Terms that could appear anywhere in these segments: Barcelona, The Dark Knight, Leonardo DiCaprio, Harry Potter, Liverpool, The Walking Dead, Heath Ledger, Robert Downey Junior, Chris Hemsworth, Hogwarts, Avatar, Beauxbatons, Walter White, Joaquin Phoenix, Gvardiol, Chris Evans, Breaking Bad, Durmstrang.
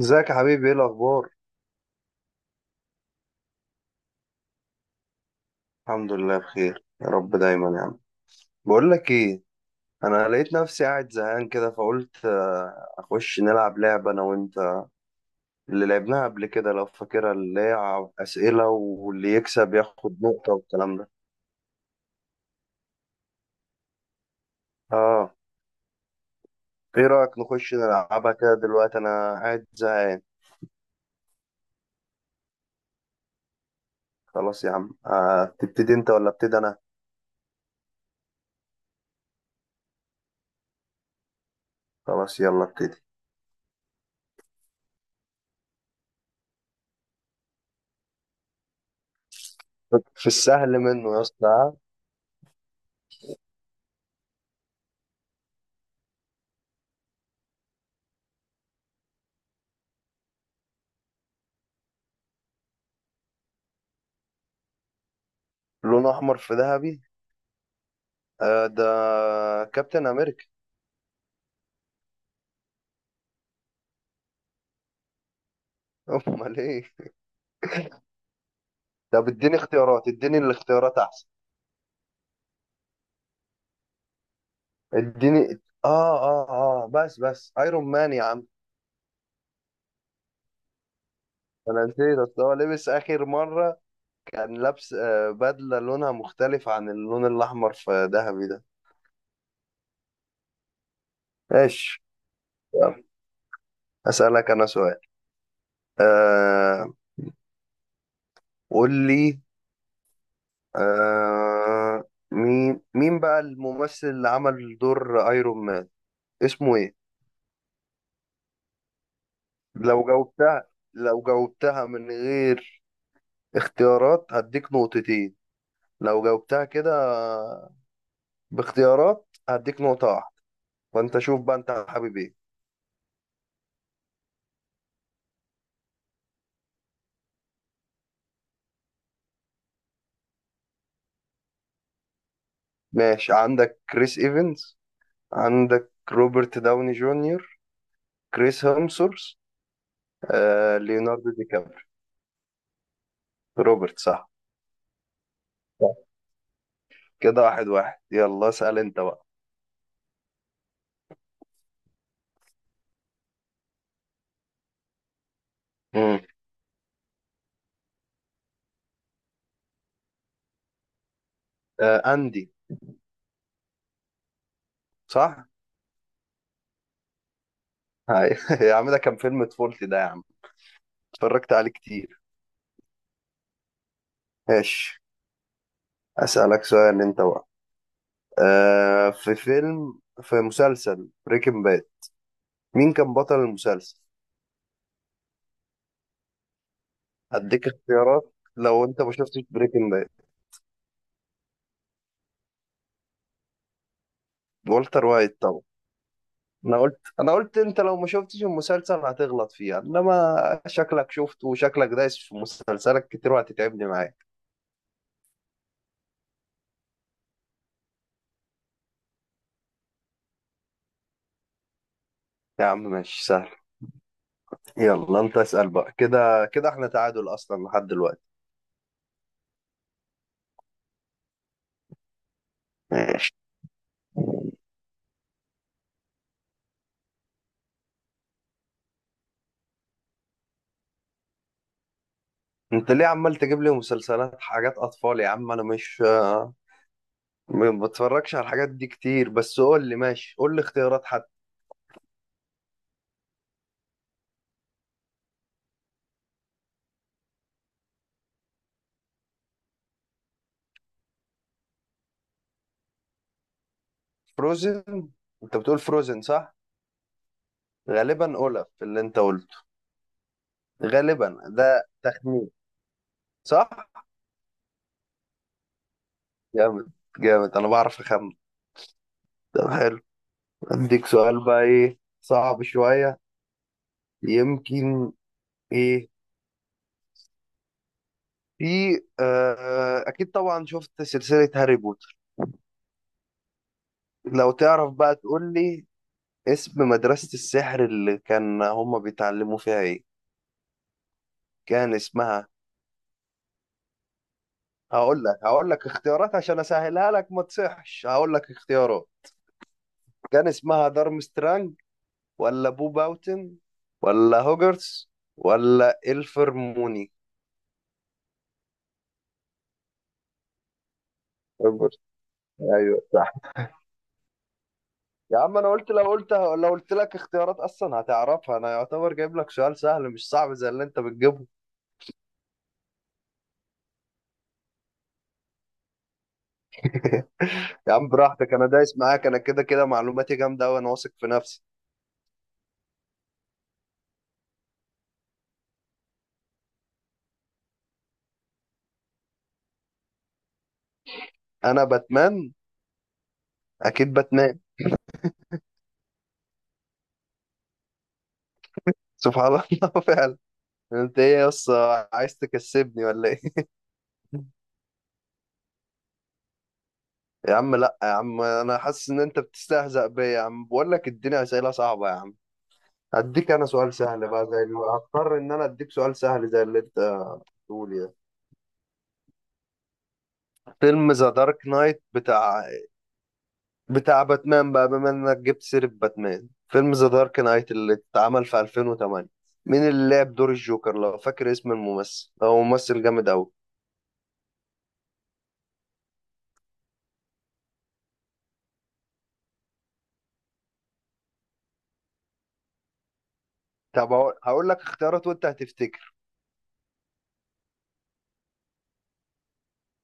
ازيك يا حبيبي؟ ايه الاخبار؟ الحمد لله بخير يا رب دايما يا عم. بقول لك ايه. انا لقيت نفسي قاعد زهقان كده فقلت اخش نلعب لعبه انا وانت اللي لعبناها قبل كده لو فاكرها، اللي هي اسئله، واللي يكسب ياخد نقطه والكلام ده. اه. ايه رايك نخش نلعبها كده دلوقتي؟ انا قاعد زهقان. خلاص يا عم. تبتدي انت ولا ابتدي انا؟ خلاص يلا ابتدي. في السهل منه يا اسطى. لونه احمر في ذهبي. ده كابتن امريكا. امال ايه؟ طب اديني اختيارات، اديني الاختيارات احسن. اديني. اه اه اه، بس ايرون مان يا عم. انا نسيت، اصل هو لبس اخر مره كان لابس بدله لونها مختلف عن اللون الاحمر في ذهبي ده. ماشي. يلا. اسالك انا سؤال. آه قول لي. آه مين بقى الممثل اللي عمل دور ايرون مان؟ اسمه ايه؟ لو جاوبتها، لو جاوبتها من غير اختيارات هديك نقطتين. لو جاوبتها كده باختيارات هديك نقطة واحدة. فانت شوف بقى انت حابب ايه. ماشي. عندك كريس ايفنز، عندك روبرت داوني جونيور، كريس هيمسورث، ليوناردو دي كابري. روبرت صح. صح. كده واحد واحد. يلا اسأل انت بقى. مم. اندي. صح؟ هاي. يا عم ده كان فيلم طفولتي ده يا عم، اتفرجت عليه كتير. ماشي. اسألك سؤال انت بقى. في فيلم، في مسلسل بريكنج باد، مين كان بطل المسلسل؟ هديك اختيارات لو انت ما شفتش بريكنج باد. والتر وايت طبعا. انا قلت انت لو ما شفتش المسلسل هتغلط فيها، انما شكلك شفته وشكلك دايس في مسلسلك كتير وهتتعبني معاك. يا عم ماشي سهل. يلا انت اسأل بقى، كده كده احنا تعادل اصلا لحد دلوقتي. ماشي. انت ليه عمال تجيب لي مسلسلات حاجات اطفال يا عم؟ انا مش ما بتفرجش على الحاجات دي كتير، بس قول لي، ماشي قول لي اختيارات حتى. فروزن. انت بتقول فروزن صح؟ غالبا اولف اللي انت قلته. غالبا ده تخمين، صح؟ جامد. جامد، انا بعرف اخمن. طب حلو. اديك سؤال بقى ايه صعب شوية يمكن. ايه، في اكيد طبعا شفت سلسلة هاري بوتر. لو تعرف بقى تقول لي اسم مدرسة السحر اللي كان هما بيتعلموا فيها ايه. كان اسمها. هقول لك اختيارات عشان اسهلها لك، ما تصحش. هقول لك اختيارات. كان اسمها دارمسترانج، ولا بو باوتن، ولا هوجرتس، ولا الفرموني؟ هوجرتس، ايوه صح. يا عم انا قلت، لو قلت لك اختيارات اصلا هتعرفها. انا يعتبر جايب لك سؤال سهل، مش صعب زي اللي انت بتجيبه. يا عم براحتك، انا دايس معاك، انا كده كده معلوماتي جامده وانا واثق في نفسي. انا باتمان. اكيد باتمان. سبحان الله فعلا. انت ايه يا اسطى، عايز تكسبني ولا ايه؟ يا عم لا يا عم، انا حاسس ان انت بتستهزأ بيا يا عم، بقول لك اديني اسئله صعبه يا عم. اديك انا سؤال سهل بقى زي اللي، هضطر ان انا اديك سؤال سهل زي اللي انت بتقول ده. فيلم ذا دارك نايت، بتاع باتمان بقى بما انك جبت سيرة باتمان، فيلم ذا دارك نايت اللي اتعمل في 2008، مين اللي لعب دور الجوكر؟ لو فاكر اسم الممثل، هو ممثل جامد قوي. طب هقول لك اختيارات وانت هتفتكر.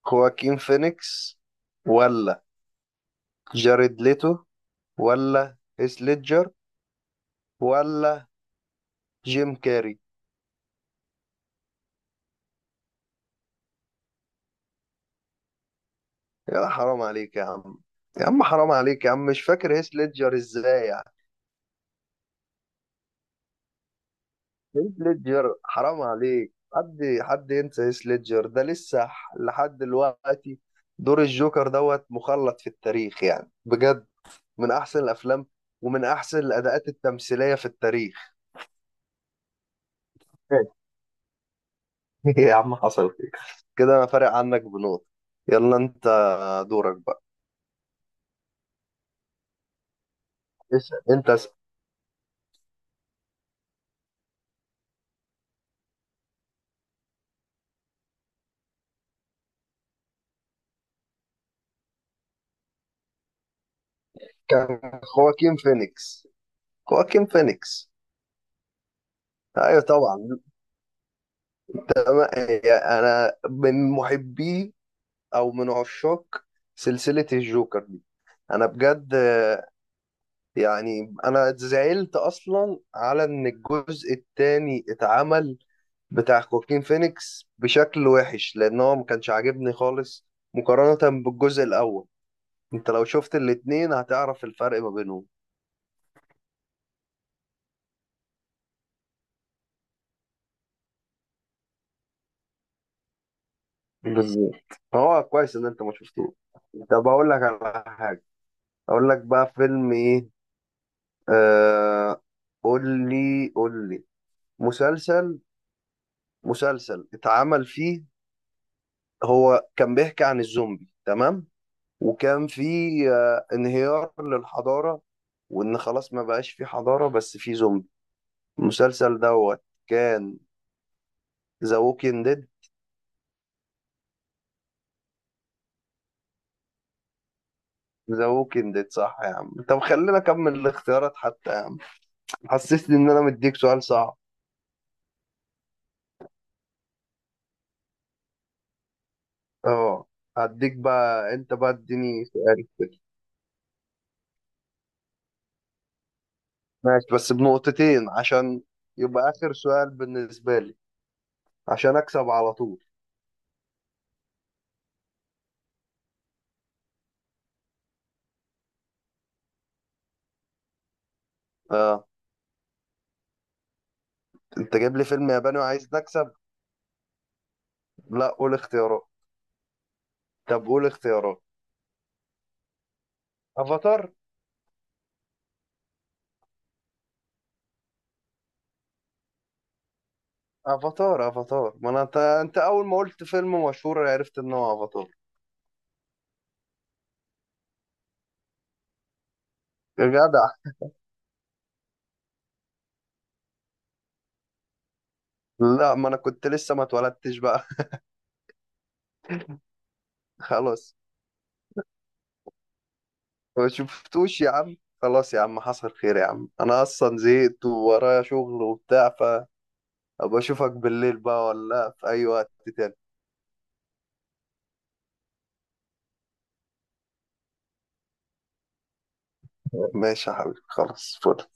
خواكين فينيكس، ولا جاريد ليتو، ولا هيث ليدجر، ولا جيم كاري؟ يا حرام عليك يا عم. يا عم حرام عليك يا عم، مش فاكر هيث ليدجر ازاي يعني؟ هيث ليدجر، حرام عليك، حد ينسى هيث ليدجر، ده لسه لحد دلوقتي دور الجوكر دوت مخلد في التاريخ يعني بجد، من احسن الافلام ومن احسن الاداءات التمثيليه في التاريخ. يا عم حصل خير. كده انا فارق عنك بنقطة. يلا انت دورك بقى. اسأل انت اسأل. كان خواكين فينيكس. خواكين فينيكس، ايوه طبعا. أما يعني، أنا من محبي أو من عشاق سلسلة الجوكر دي. أنا بجد، يعني أنا زعلت أصلا على إن الجزء التاني اتعمل بتاع خواكين فينيكس بشكل وحش، لأن هو ما كانش عاجبني خالص مقارنة بالجزء الأول. أنت لو شفت الاتنين هتعرف الفرق ما بينهم. بالظبط. هو كويس إن أنت ما شفتوه. طب أقول لك على حاجة. أقول لك بقى فيلم إيه. آه قول لي، قول لي مسلسل مسلسل اتعمل فيه، هو كان بيحكي عن الزومبي، تمام؟ وكان فيه انهيار للحضارة، وإن خلاص ما بقاش فيه حضارة بس فيه زومبي. المسلسل دوت كان ذا ووكينج ديد. ذا ووكينج ديد صح يا عم. طب خلينا أكمل الاختيارات حتى يا عم، حسسني إن أنا مديك سؤال صعب. اه. هديك بقى أنت بقى اديني سؤال. ماشي، بس بنقطتين عشان يبقى آخر سؤال بالنسبة لي، عشان أكسب على طول. آه أنت جايب لي فيلم ياباني وعايز نكسب؟ لا قول اختيارات. طب قول اختيارات. أفاتار. أفاتار ما أنا، أنت أول ما قلت فيلم مشهور عرفت إن هو أفاتار. يا جدع. لا ما أنا كنت لسه ما اتولدتش بقى. خلاص. ما شفتوش يا عم، خلاص يا عم حصل خير يا عم، أنا أصلا زهقت وورايا شغل وبتاع، فأبقى أشوفك بالليل بقى ولا في أي وقت تاني. ماشي يا حبيبي خلاص فل.